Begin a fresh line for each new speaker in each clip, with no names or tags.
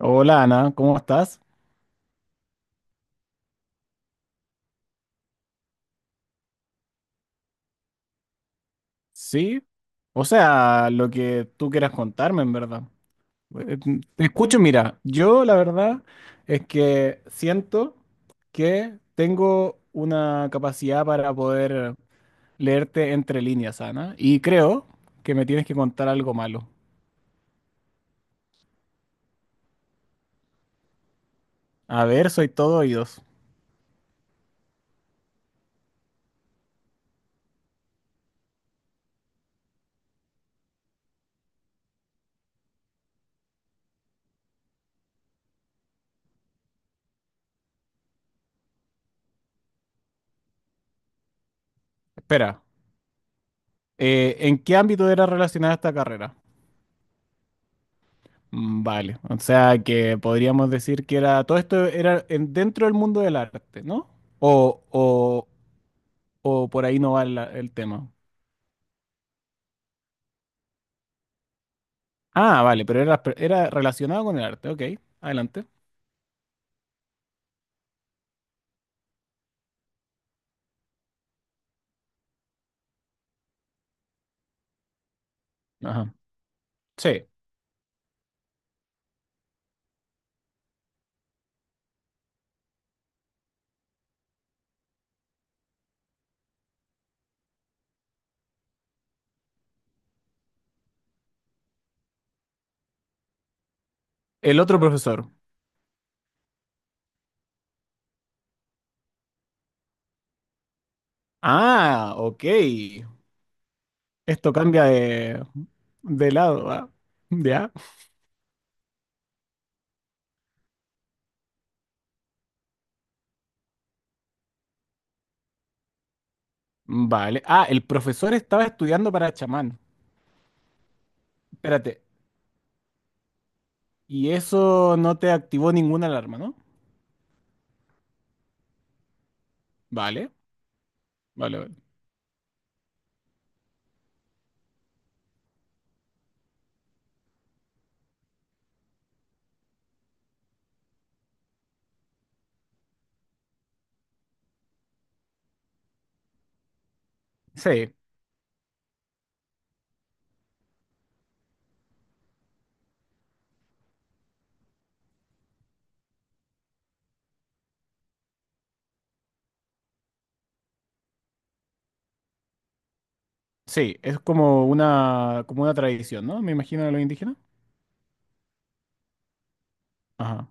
Hola Ana, ¿cómo estás? Sí, o sea, lo que tú quieras contarme, en verdad. Eh, Te escucho, mira, yo la verdad es que siento que tengo una capacidad para poder leerte entre líneas, Ana, y creo que me tienes que contar algo malo. A ver, soy todo oídos. Espera, ¿en qué ámbito era relacionada esta carrera? Vale, o sea que podríamos decir que era todo esto era en- dentro del mundo del arte, ¿no? O, o, o por ahí no va el tema. Ah, vale, pero era relacionado con el arte, ok, adelante. Ajá. Sí, el otro profesor. Ah, ok. Esto cambia de lado, ¿ah? ¿Ya? Vale. Ah, el profesor estaba estudiando para chamán. Espérate. Y eso no te activó ninguna alarma, ¿no? Vale, vale, vale. Sí, Sí, es como una tradición, ¿no? Me imagino de los indígenas. Ajá,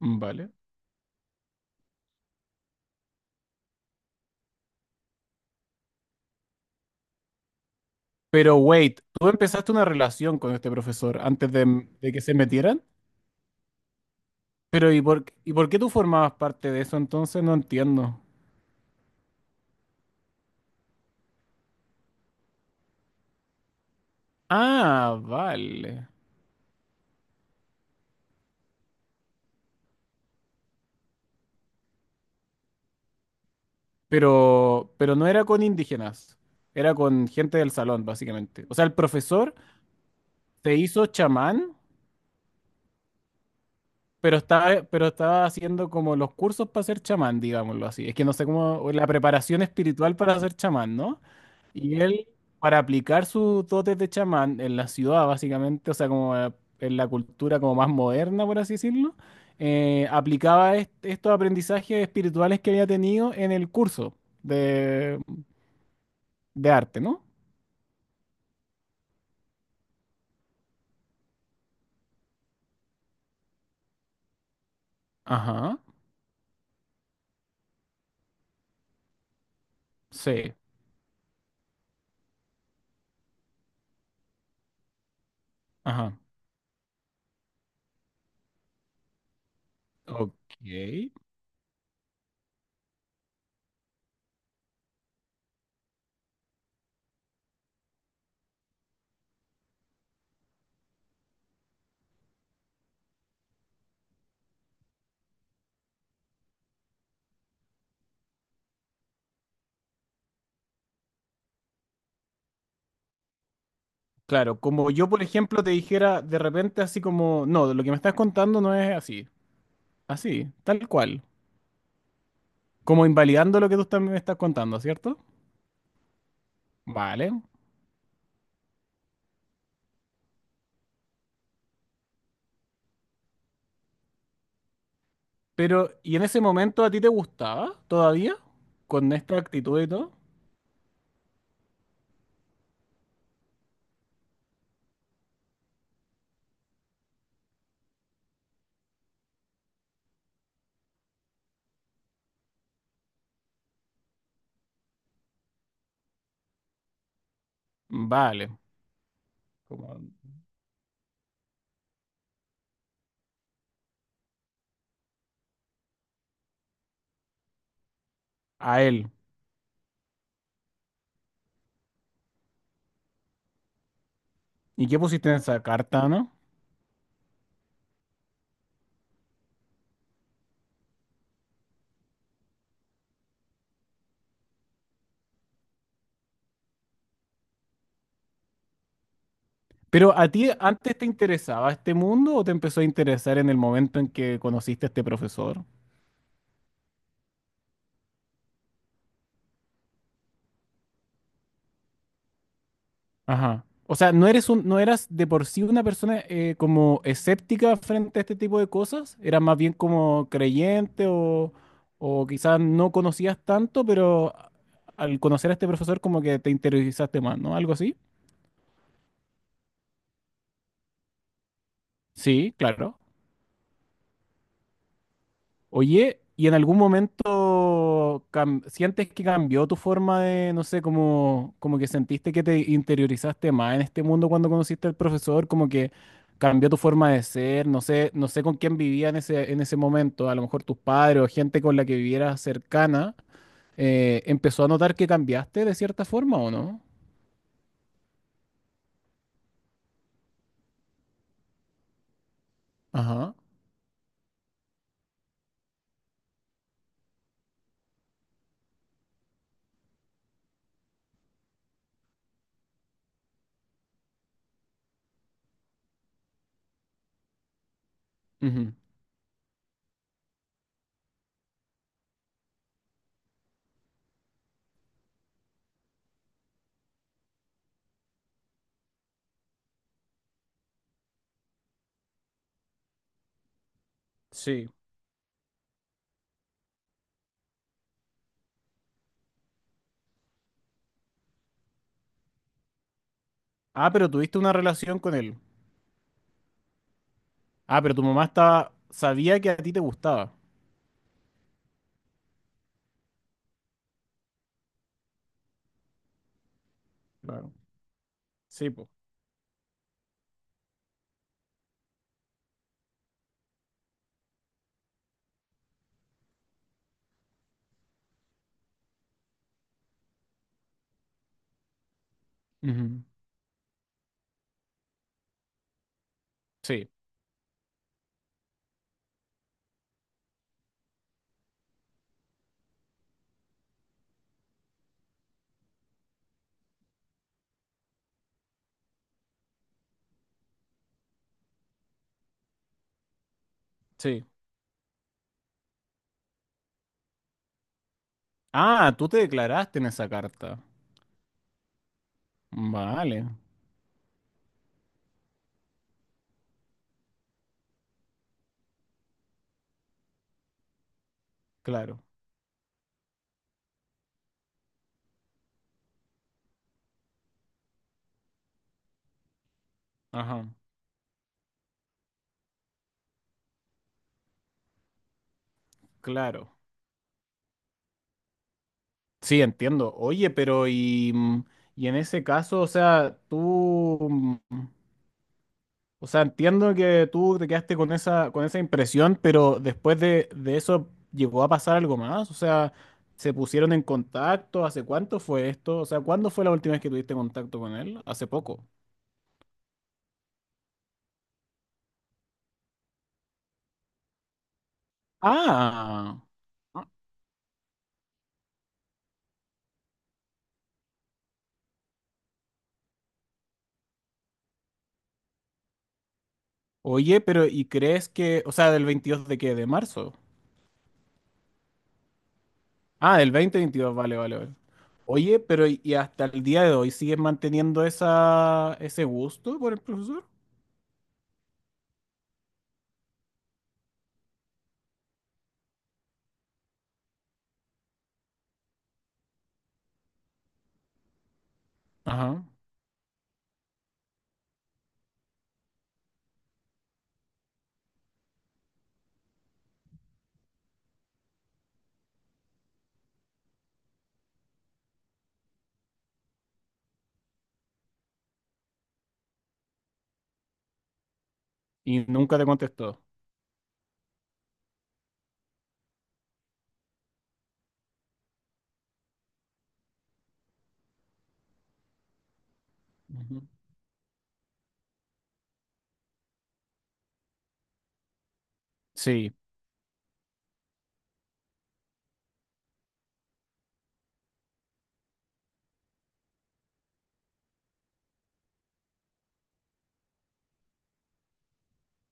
mm, vale. Pero wait, tú empezaste una relación con este profesor antes de que se metieran. Pero ¿y y por qué tú formabas parte de eso entonces? No entiendo. Ah, vale. Pero no era con indígenas, era con gente del salón, básicamente. O sea, el profesor te hizo chamán, pero estaba haciendo como los cursos para ser chamán, digámoslo así. Es que no sé cómo, o la preparación espiritual para ser chamán, ¿no? Y él, para aplicar sus dotes de chamán en la ciudad, básicamente, o sea, como en la cultura como más moderna, por así decirlo, aplicaba estos aprendizajes espirituales que había tenido en el curso de, de arte, ¿no? Ajá, sí, ajá. Ok. Claro, como yo, por ejemplo, te dijera de repente así como, no, lo que me estás contando no es así, así, tal cual, como invalidando lo que tú también me estás contando, ¿cierto? Vale. Pero, ¿y en ese momento a ti te gustaba todavía? Con esta actitud y todo. Vale, como a él. ¿Y qué pusiste en esa carta, no? Pero ¿a ti antes te interesaba este mundo o te empezó a interesar en el momento en que conociste a este profesor? Ajá. O sea, ¿no eres un, no eras de por sí una persona como escéptica frente a este tipo de cosas? ¿Eras más bien como creyente o quizás no conocías tanto, pero al conocer a este profesor como que te interesaste más, ¿no? Algo así. Sí, claro. Oye, ¿y en algún momento sientes que cambió tu forma de, no sé, como, como que sentiste que te interiorizaste más en este mundo cuando conociste al profesor? Como que cambió tu forma de ser, no sé, no sé con quién vivía en ese momento, a lo mejor tus padres o gente con la que vivieras cercana, ¿empezó a notar que cambiaste de cierta forma o no? Ajá. Ujú. Sí. Ah, pero tuviste una relación con él. Ah, pero tu mamá estaba, sabía que a ti te gustaba. Claro. Sí, po. Ujú. Sí, sí. Ah, tú te declaraste en esa carta. Vale, claro. Ajá, claro. Sí, entiendo. Oye, pero y, mm, y en ese caso, o sea, tú, mm, o sea, entiendo que tú te quedaste con esa impresión, pero después de eso llegó a pasar algo más. O sea, ¿se pusieron en contacto? ¿Hace cuánto fue esto? O sea, ¿cuándo fue la última vez que tuviste contacto con él? Hace poco. Ah, Oye, pero ¿y crees que, o sea, del 22 de qué? ¿De marzo? Ah, del 2022, vale, vale, vale. Oye, pero y hasta el día de hoy sigues manteniendo esa, ese gusto por el profesor? Ajá. Y nunca te contestó. Ujú. Sí,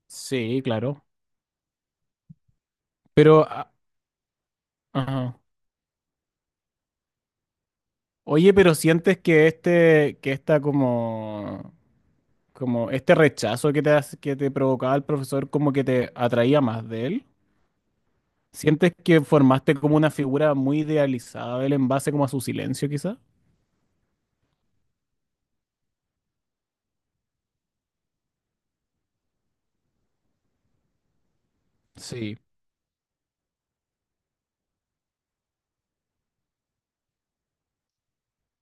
sí, claro. Pero, ah, ajá. Oye, pero sientes que este, que esta como, como este rechazo que te, que te provocaba el profesor como que te atraía más de él? ¿Sientes que formaste como una figura muy idealizada de él en base como a su silencio, quizás? Sí.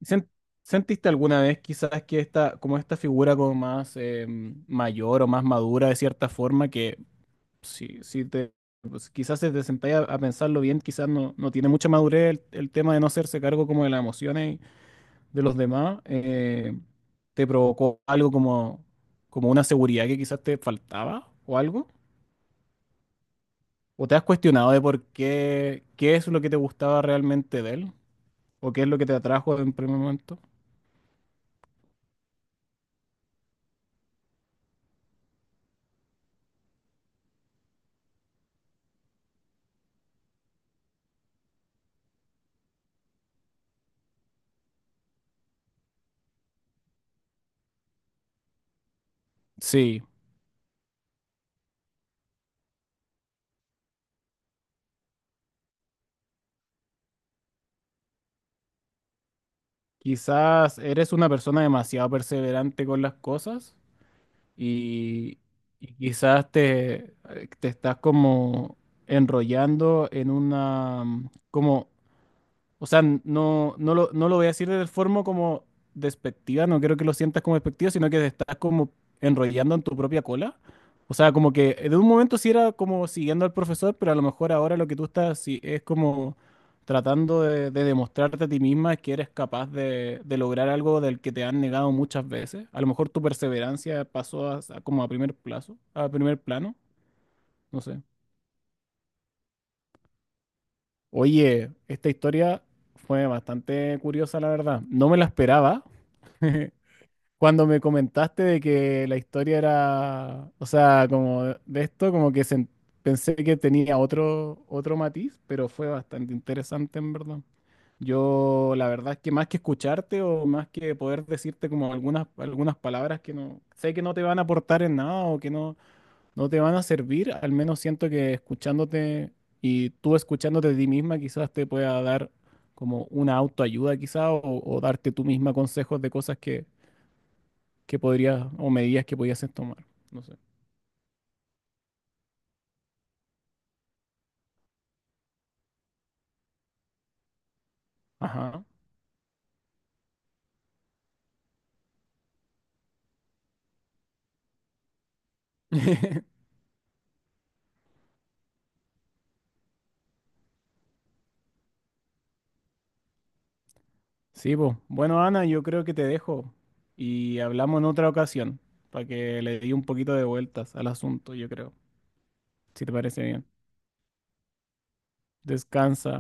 ¿Sen- ¿Sentiste alguna vez quizás que esta, como esta figura como más mayor o más madura de cierta forma, que si, si te, pues, quizás si te sentáis a pensarlo bien, quizás no, no tiene mucha madurez el tema de no hacerse cargo como de las emociones de los demás, te provocó algo como, como una seguridad que quizás te faltaba o algo? ¿O te has cuestionado de por qué, qué es lo que te gustaba realmente de él? ¿O qué es lo que te atrajo en primer momento? Sí, quizás eres una persona demasiado perseverante con las cosas y, y quizás te, te estás como enrollando en una, como o sea, no, no lo, no lo voy a decir de forma como despectiva, no quiero que lo sientas como despectivo, sino que te estás como enrollando en tu propia cola. O sea, como que de un momento sí era como siguiendo al profesor, pero a lo mejor ahora lo que tú estás sí, es como tratando de demostrarte a ti misma que eres capaz de lograr algo del que te han negado muchas veces. A lo mejor tu perseverancia pasó a como a primer plazo, a primer plano, no sé. Oye, esta historia fue bastante curiosa, la verdad. No me la esperaba. Cuando me comentaste de que la historia era, o sea, como de esto, como que pensé que tenía otro, otro matiz, pero fue bastante interesante en verdad. Yo, la verdad es que más que escucharte o más que poder decirte como algunas, algunas palabras que no sé que no te van a aportar en nada o que no, no te van a servir, al menos siento que escuchándote y tú escuchándote de ti misma quizás te pueda dar como una autoayuda quizás o darte tú misma consejos de cosas que podrías, o medidas que podías tomar. No sé. Ajá. Sí, pues. Bueno, Ana, yo creo que te dejo y hablamos en otra ocasión para que le di un poquito de vueltas al asunto, yo creo, si te parece bien. Descansa.